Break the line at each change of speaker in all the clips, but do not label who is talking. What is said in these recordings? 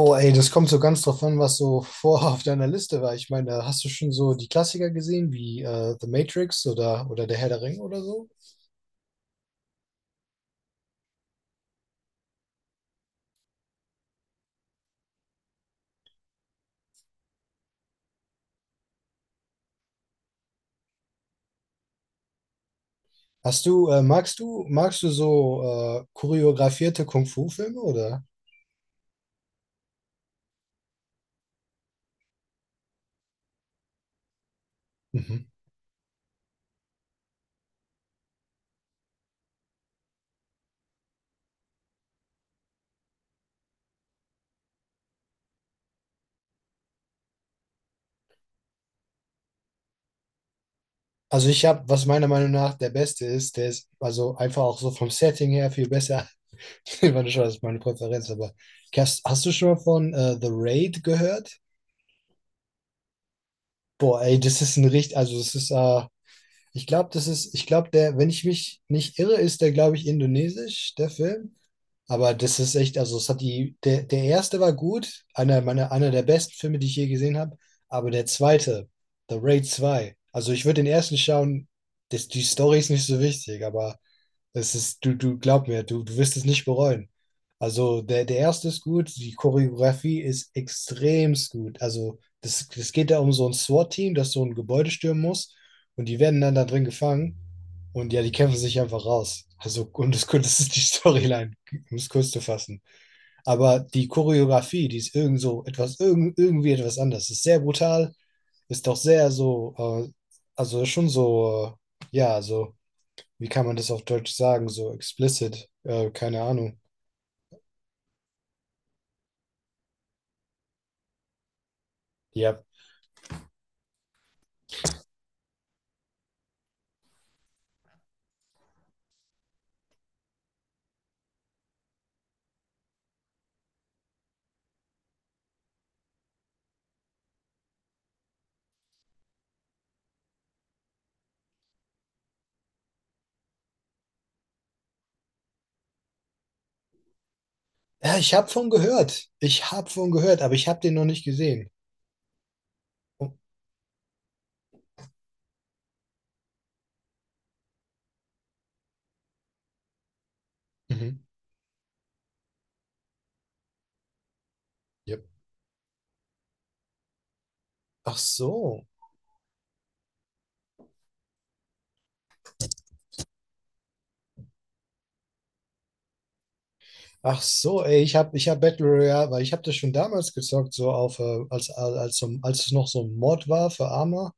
Oh, ey, das kommt so ganz drauf an, was so vor auf deiner Liste war. Ich meine, da hast du schon so die Klassiker gesehen, wie The Matrix oder Der Herr der Ringe oder so? Hast du, magst du, magst du so choreografierte Kung-Fu-Filme oder? Mhm. Also ich habe, was meiner Meinung nach der beste ist, der ist also einfach auch so vom Setting her viel besser. Ich meine, schon, das ist meine Präferenz, aber hast du schon mal von The Raid gehört? Boah, ey, das ist ein richtig, also das ist. Ich glaube, der, wenn ich mich nicht irre, ist der, glaube ich, indonesisch, der Film. Aber das ist echt, also es hat der erste war gut, einer der besten Filme, die ich je gesehen habe. Aber der zweite, The Raid zwei. Also ich würde den ersten schauen, das, die Story ist nicht so wichtig, aber es ist, du glaub mir, du wirst es nicht bereuen. Also der erste ist gut, die Choreografie ist extremst gut. Also das geht da um so ein SWAT-Team, das so ein Gebäude stürmen muss und die werden dann da drin gefangen und ja, die kämpfen sich einfach raus. Also und das ist die Storyline, um es kurz zu fassen. Aber die Choreografie, die ist irgend so etwas, irgendwie etwas anders. Ist sehr brutal, ist doch sehr so, äh, also schon so, ja, so wie kann man das auf Deutsch sagen? So explicit, keine Ahnung. Ja. Ja, ich habe von gehört. Ich habe von gehört, aber ich habe den noch nicht gesehen. Oh, mhm. Yep. Ach so. Ach so, ey, ich hab Battle Royale, weil ich habe das schon damals gezockt, so auf, als es noch so ein Mod war für Arma,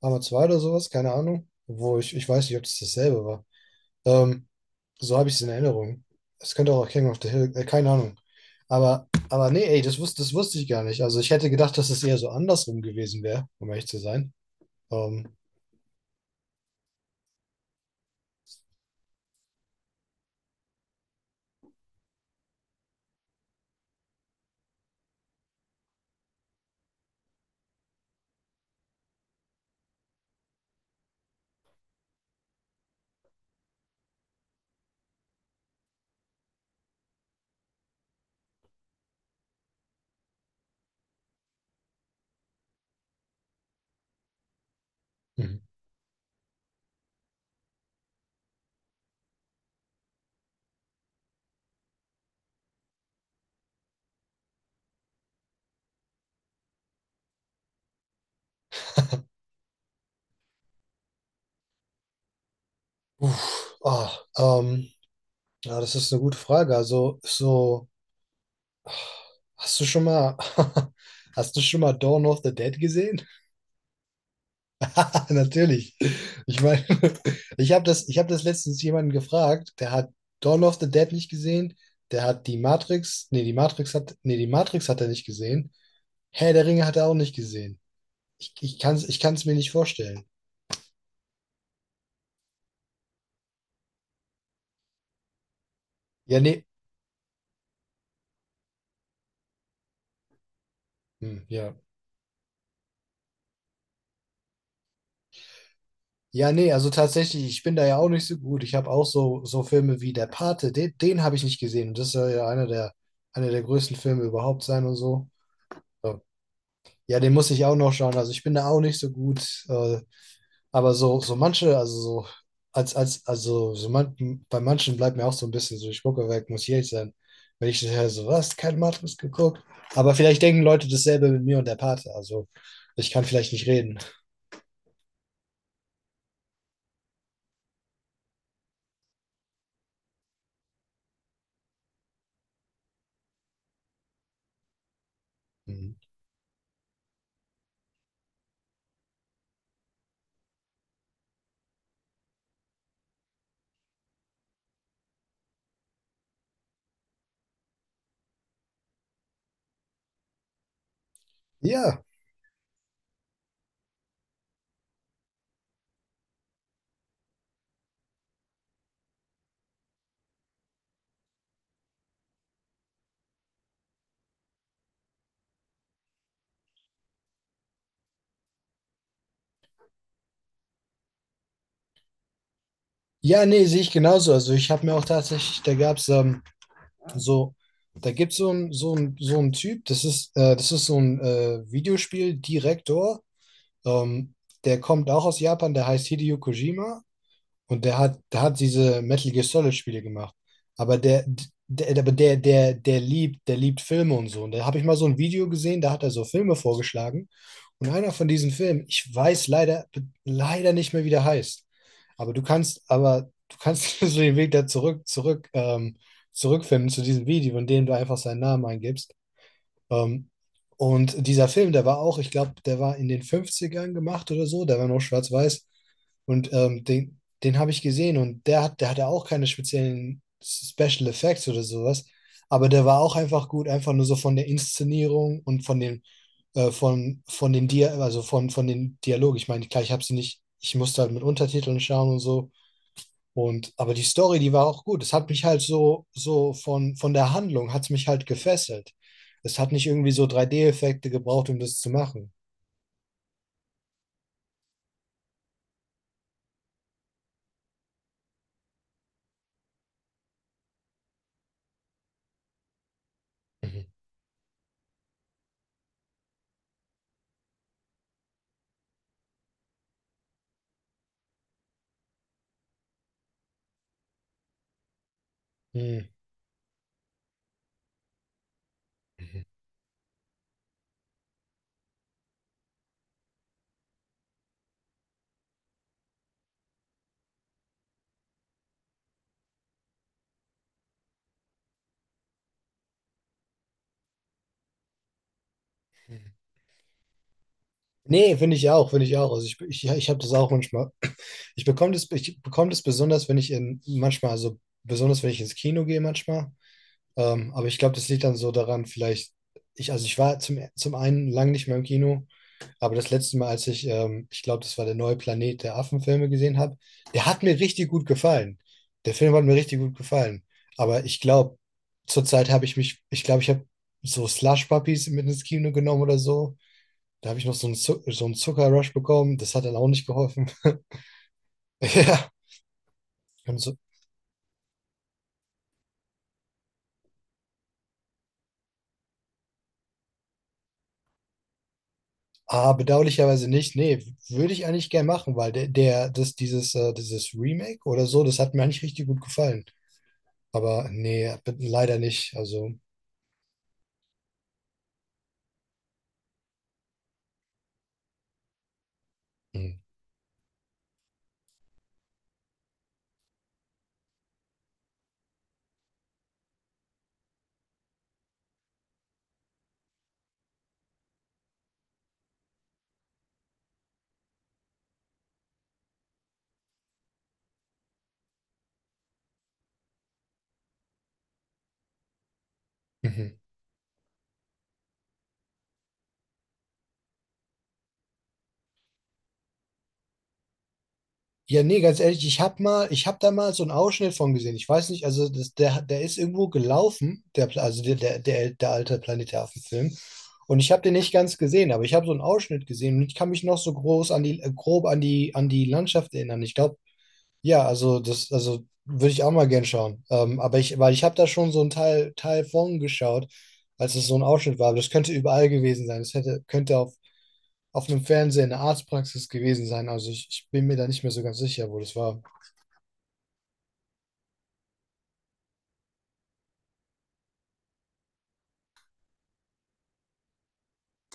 Arma 2 oder sowas, keine Ahnung. Wo ich weiß nicht, ob das dasselbe war. Ähm, so habe ich es in Erinnerung. Es könnte auch King of the Hill, keine Ahnung. Aber nee, ey, das wusste ich gar nicht. Also ich hätte gedacht, dass es eher so andersrum gewesen wäre, um ehrlich zu sein. Ähm, mhm. Uff, ah, ähm, ja, das ist eine gute Frage. Also, so, hast du schon mal, hast du schon mal Dawn of the Dead gesehen? Natürlich. Ich meine, ich hab das letztens jemanden gefragt, der hat Dawn of the Dead nicht gesehen, der hat die Matrix, nee, die Matrix hat, nee, die Matrix hat er nicht gesehen. Herr der Ringe hat er auch nicht gesehen. Ich kann es ich kann's mir nicht vorstellen. Ja, nee, hm, ja. Ja, nee, also tatsächlich, ich bin da ja auch nicht so gut. Ich habe auch so, so Filme wie Der Pate, den habe ich nicht gesehen. Und das soll ja einer der größten Filme überhaupt sein und so. So. Ja, den muss ich auch noch schauen. Also ich bin da auch nicht so gut. Aber so, so manche, also so, als, als, also so man, bei manchen bleibt mir auch so ein bisschen so, ich gucke weg, muss ich ehrlich sein. Wenn ich höre, so, was, kein Matrix geguckt. Aber vielleicht denken Leute dasselbe mit mir und der Pate. Also ich kann vielleicht nicht reden. Mhm. Ja, ja, nee, sehe ich genauso. Also ich habe mir auch tatsächlich, da gab es so, da gibt so es so ein, Typ, das ist so ein Videospieldirektor, ähm, der kommt auch aus Japan, der heißt Hideo Kojima und der hat diese Metal Gear Solid Spiele gemacht. Aber der, aber der liebt Filme und so. Und da habe ich mal so ein Video gesehen, da hat er so Filme vorgeschlagen. Und einer von diesen Filmen, ich weiß leider nicht mehr, wie der heißt. Aber du kannst so den Weg da zurückfinden zu diesem Video, in dem du einfach seinen Namen eingibst. Ähm, und dieser Film, der war auch, ich glaube, der war in den 50ern gemacht oder so, der war noch schwarz-weiß. Und den habe ich gesehen und der hatte auch keine speziellen Special Effects oder sowas. Aber der war auch einfach gut, einfach nur so von der Inszenierung und von den Dia also von den Dialogen. Ich meine, klar, ich habe sie nicht, ich musste halt mit Untertiteln schauen und so. Aber die Story, die war auch gut. Es hat mich halt so, so von der Handlung, hat es mich halt gefesselt. Es hat nicht irgendwie so 3D-Effekte gebraucht, um das zu machen. Mhm. Mhm. Nee, finde ich auch, finde ich auch. Also ich habe das auch manchmal. Ich bekomme das besonders, wenn ich in manchmal, also besonders wenn ich ins Kino gehe manchmal, aber ich glaube, das liegt dann so daran, vielleicht, also ich war zum, einen lang nicht mehr im Kino, aber das letzte Mal, als ich glaube, das war der neue Planet der Affenfilme gesehen habe, der hat mir richtig gut gefallen. Der Film hat mir richtig gut gefallen. Aber ich glaube, zurzeit habe ich mich, ich glaube, ich habe so Slush-Puppies mit ins Kino genommen oder so. Da habe ich noch so einen Zuckerrush bekommen. Das hat dann auch nicht geholfen. Ja. Und so Ah, bedauerlicherweise nicht. Nee, würde ich eigentlich gern machen, weil dieses Remake oder so, das hat mir eigentlich richtig gut gefallen. Aber nee, leider nicht. Also, hm, mhm. Ja, nee, ganz ehrlich, ich hab da mal so einen Ausschnitt von gesehen. Ich weiß nicht, also der ist irgendwo gelaufen, der alte Planet der Affen-Film. Und ich habe den nicht ganz gesehen, aber ich habe so einen Ausschnitt gesehen und ich kann mich noch so groß grob an die Landschaft erinnern. Ich glaube, Ja, also würde ich auch mal gern schauen. Aber ich, weil ich habe da schon so einen Teil von geschaut, als es so ein Ausschnitt war. Aber das könnte überall gewesen sein. Das könnte auf einem Fernseher in der Arztpraxis gewesen sein. Also ich bin mir da nicht mehr so ganz sicher, wo das war.